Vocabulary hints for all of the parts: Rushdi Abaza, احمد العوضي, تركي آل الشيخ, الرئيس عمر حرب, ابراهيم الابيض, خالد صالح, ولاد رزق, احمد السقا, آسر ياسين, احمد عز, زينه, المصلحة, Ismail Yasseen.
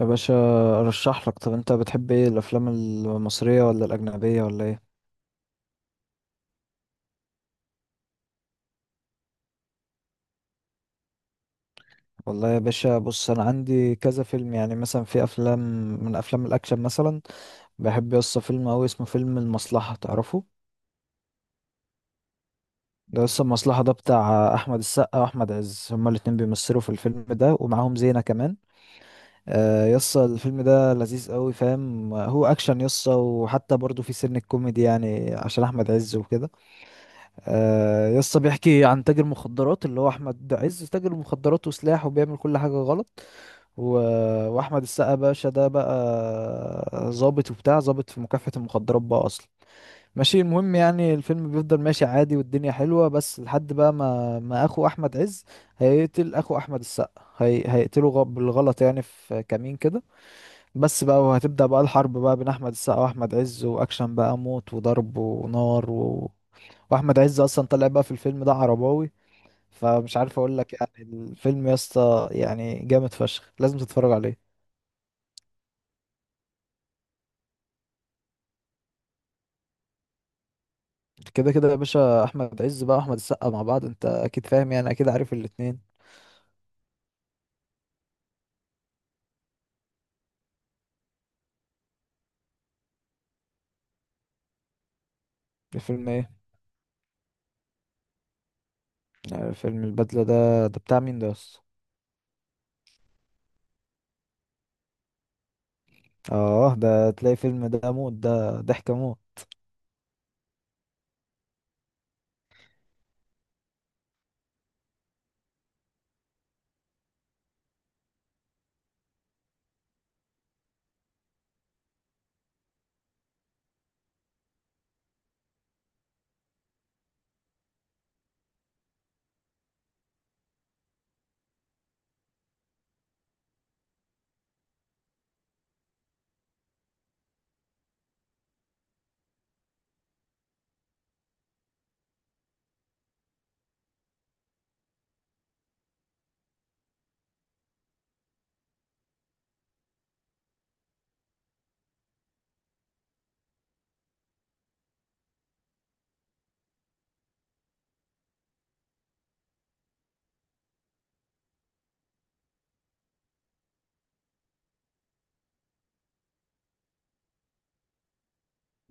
يا باشا ارشح لك. طب انت بتحب ايه، الافلام المصريه ولا الاجنبيه ولا ايه؟ والله يا باشا، بص انا عندي كذا فيلم. يعني مثلا في افلام، من افلام الاكشن مثلا بحب يسطا فيلم اوي اسمه فيلم المصلحه، تعرفه؟ ده يسطا المصلحه ده بتاع احمد السقا واحمد عز، هما الاتنين بيمثلوا في الفيلم ده ومعاهم زينه كمان. آه، يسطا الفيلم ده لذيذ قوي، فاهم؟ هو اكشن يسطا، وحتى برضه في سن الكوميدي يعني عشان احمد عز وكده. آه يسطا بيحكي عن تاجر مخدرات، اللي هو احمد عز تاجر مخدرات وسلاح وبيعمل كل حاجه غلط. و... واحمد السقا باشا ده بقى ظابط وبتاع، ظابط في مكافحه المخدرات بقى اصلا. ماشي، المهم يعني الفيلم بيفضل ماشي عادي والدنيا حلوه، بس لحد بقى ما اخو احمد عز هيقتل اخو احمد السقا. بالغلط يعني في كمين كده. بس بقى وهتبدا بقى الحرب بقى بين احمد السقا واحمد عز، واكشن بقى موت وضرب ونار واحمد عز اصلا طلع بقى في الفيلم ده عرباوي. فمش عارف اقول لك، يعني الفيلم يا اسطى يعني جامد فشخ، لازم تتفرج عليه. كده كده يا باشا، احمد عز بقى واحمد السقا مع بعض، انت اكيد فاهم يعني، اكيد عارف الاتنين. الفيلم ايه؟ آه، فيلم البدلة ده؟ ده بتاع مين ده يا اسطى؟ اه ده تلاقي فيلم ده موت، ده ضحك موت.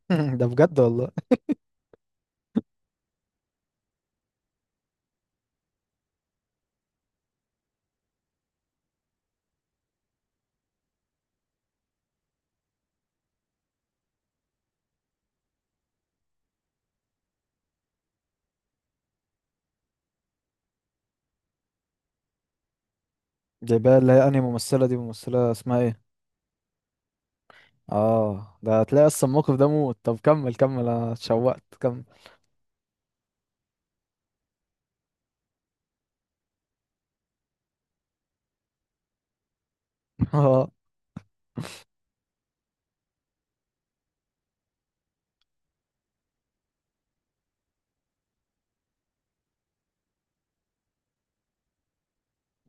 ده بجد والله؟ جايبها اللي هي انهي ممثلة دي؟ ممثلة اسمها ايه؟ اه ده هتلاقي اصلا الموقف ده موت. طب كمل كمل، انا اتشوقت، كمل. اه،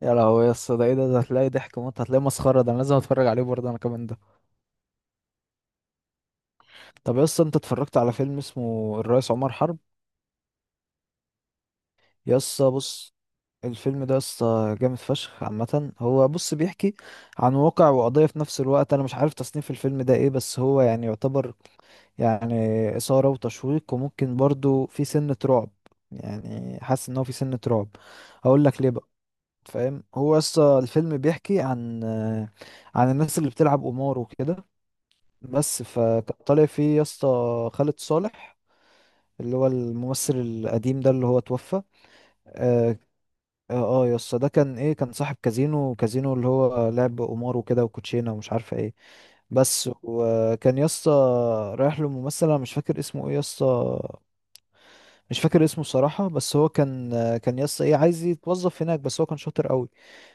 يا لهوي يا اسطى، ده ايه ده؟ ده هتلاقي ضحك موت، هتلاقي مسخره. ده انا لازم اتفرج عليه برضه انا كمان ده. طب يا اسطى، انت اتفرجت على فيلم اسمه الرئيس عمر حرب؟ يا اسطى بص، الفيلم ده يا اسطى جامد فشخ عامه. هو بص بيحكي عن واقع وقضيه في نفس الوقت. انا مش عارف تصنيف الفيلم ده ايه، بس هو يعني يعتبر يعني اثاره وتشويق، وممكن برضه في سنه رعب، يعني حاسس ان هو في سنه رعب. هقول لك ليه بقى. فاهم هو يا اسطى الفيلم بيحكي عن عن الناس اللي بتلعب قمار وكده. بس فكان طالع فيه يا اسطى خالد صالح، اللي هو الممثل القديم ده اللي هو توفى. اه. اه. آه يا اسطى، ده كان ايه، كان صاحب كازينو، اللي هو لعب قمار وكده وكوتشينه ومش عارفه ايه. بس، وكان يا اسطى رايح له ممثل، انا مش فاكر اسمه ايه يا اسطى، مش فاكر اسمه صراحة. بس هو كان آه، كان يا اسطى ايه عايز يتوظف هناك، بس هو كان شاطر قوي.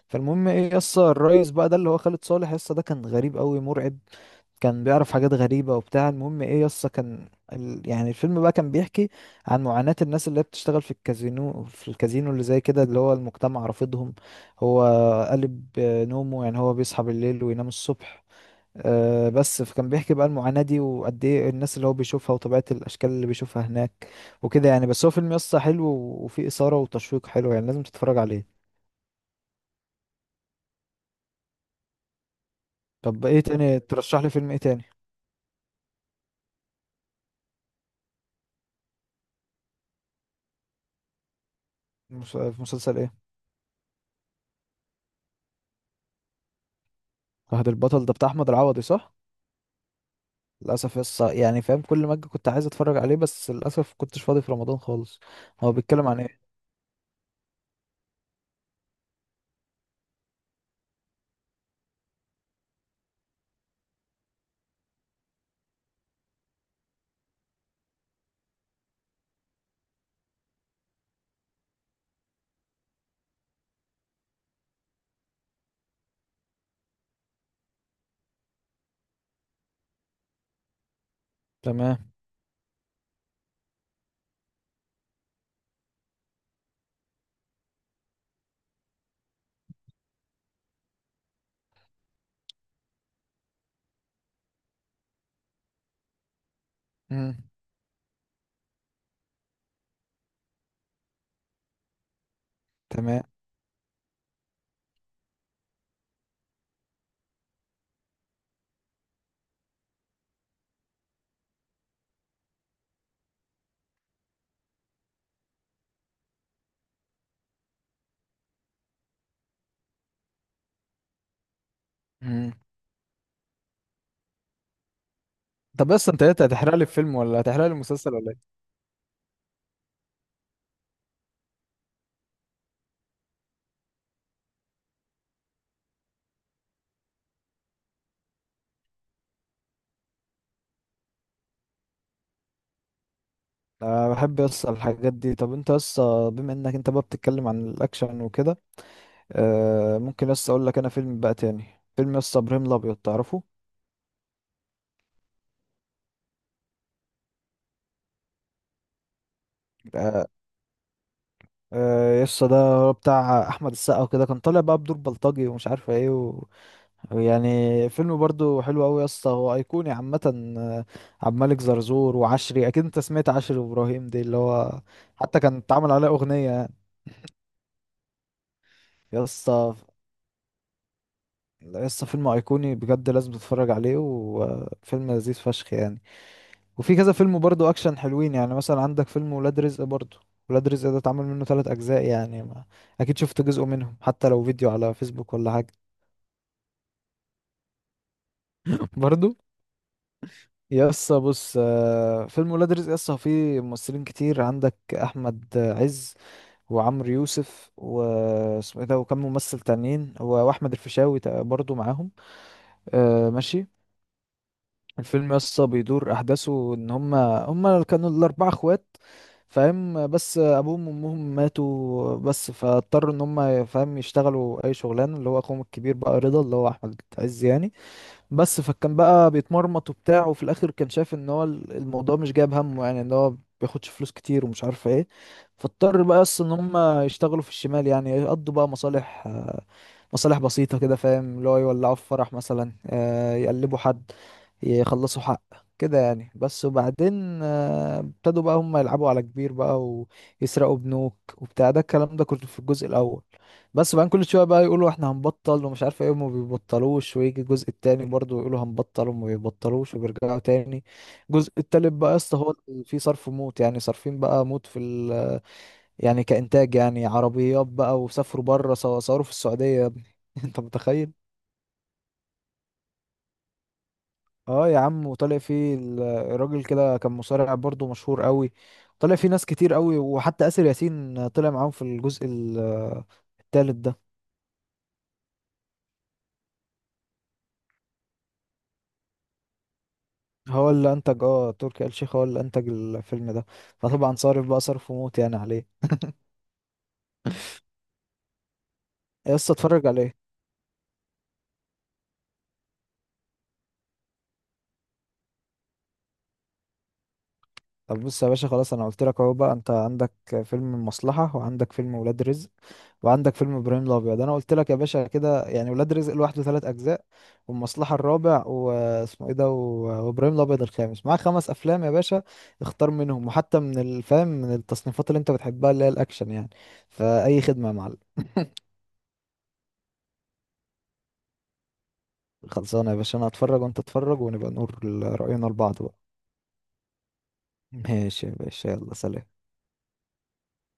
فالمهم ايه يا اسطى، الريس بقى ده اللي هو خالد صالح يا اسطى ده كان غريب قوي، مرعب، كان بيعرف حاجات غريبة وبتاع. المهم ايه يسطا، يعني الفيلم بقى كان بيحكي عن معاناة الناس اللي هي بتشتغل في الكازينو، في الكازينو اللي زي كده اللي هو المجتمع رافضهم. هو قلب آه، نومه يعني، هو بيصحى بالليل وينام الصبح. آه بس فكان بيحكي بقى المعاناة دي، وقد ايه الناس اللي هو بيشوفها وطبيعة الأشكال اللي بيشوفها هناك وكده يعني. بس هو فيلم يسطا حلو وفيه إثارة وتشويق حلو، يعني لازم تتفرج عليه. طب ايه تاني ترشح لي، فيلم ايه تاني؟ مسلسل ايه؟ فهد البطل ده بتاع أحمد العوضي صح؟ للاسف يس يعني، فاهم كل ما أجي كنت عايز اتفرج عليه، بس للاسف كنتش فاضي في رمضان خالص. هو بيتكلم عن ايه؟ تمام. امم. تمام. امم. طب بس انت ايه، هتحرق لي الفيلم ولا هتحرق لي المسلسل ولا ايه؟ انا بحب يس الحاجات دي. طب انت يس، بما انك انت بقى بتتكلم عن الاكشن وكده، آه ممكن يس اقول لك انا فيلم بقى تاني، فيلم يس ابراهيم الابيض، تعرفه؟ آه. آه، يس ده بتاع احمد السقا وكده، كان طالع بقى بدور بلطجي ومش عارف ايه. يعني فيلم برضو حلو قوي يا اسطى، هو ايقوني عامه. آه، عبد الملك زرزور وعشري، اكيد انت سمعت عشري وابراهيم دي اللي هو حتى كان اتعمل عليه اغنيه يعني. يا اسطى، يا اسطى فيلم ايقوني بجد، لازم تتفرج عليه، وفيلم لذيذ فشخ يعني. وفي كذا فيلم برضو اكشن حلوين، يعني مثلا عندك فيلم ولاد رزق برضو. ولاد رزق ده اتعمل منه 3 اجزاء يعني، ما اكيد شفت جزء منهم حتى لو فيديو على فيسبوك ولا حاجه. برضو. يسا بص آه، فيلم ولاد رزق يسا فيه ممثلين كتير، عندك احمد عز وعمرو يوسف واسمه ايه ده، وكم ممثل تانيين واحمد الفيشاوي برضو معاهم. آه، ماشي. الفيلم يسا بيدور احداثه ان هما كانوا ال4 اخوات، فاهم؟ بس ابوهم وامهم ماتوا، بس فاضطروا ان هما فاهم يشتغلوا اي شغلانه، اللي هو اخوهم الكبير بقى رضا اللي هو احمد عز يعني. بس فكان بقى بيتمرمط وبتاع، وفي الاخر كان شايف ان هو الموضوع مش جايب همه يعني، ان هو بياخدش فلوس كتير ومش عارف ايه. فاضطر بقى اصلا ان هم يشتغلوا في الشمال يعني، يقضوا بقى مصالح، آه، مصالح بسيطة كده فاهم، اللي هو يولعوا في فرح مثلا، آه، يقلبوا حد، يخلصوا حق، كده يعني. بس وبعدين آه، ابتدوا بقى هم يلعبوا على كبير بقى، ويسرقوا بنوك وبتاع، ده الكلام ده كنت في الجزء الأول. بس بقى كل شويه بقى يقولوا احنا هنبطل ومش عارف ايه وما بيبطلوش، ويجي الجزء التاني برضه يقولوا هنبطل وما بيبطلوش وبيرجعوا تاني. الجزء التالت بقى يا اسطى هو اللي فيه صرف موت يعني، صارفين بقى موت يعني كإنتاج يعني، عربيات بقى، وسافروا بره صوروا في السعودية يا ابني. انت متخيل؟ اه يا عم، وطالع فيه الراجل كده كان مصارع برضه مشهور قوي. طالع فيه ناس كتير قوي، وحتى آسر ياسين طلع معاهم في الجزء التالت ده. هو اللي انتج، اه تركي آل الشيخ هو اللي انتج الفيلم ده. فطبعا صارف بقى صرف وموت يعني، عليه إيه. يا اسطى اتفرج عليه. طب بص يا باشا، خلاص انا قلت لك اهو بقى، انت عندك فيلم المصلحة وعندك فيلم ولاد رزق وعندك فيلم ابراهيم الابيض. انا قلت لك يا باشا كده يعني، ولاد رزق لوحده 3 اجزاء، والمصلحة الرابع واسمه ايه ده، وابراهيم الابيض الخامس، معاك 5 افلام يا باشا. اختار منهم، وحتى من الفهم من التصنيفات اللي انت بتحبها اللي هي الاكشن يعني. فاي خدمة يا معلم. خلصانة يا باشا، أنا هتفرج وأنت اتفرج ونبقى نقول رأينا لبعض بقى. ماشي يا باشا، يلا سلام.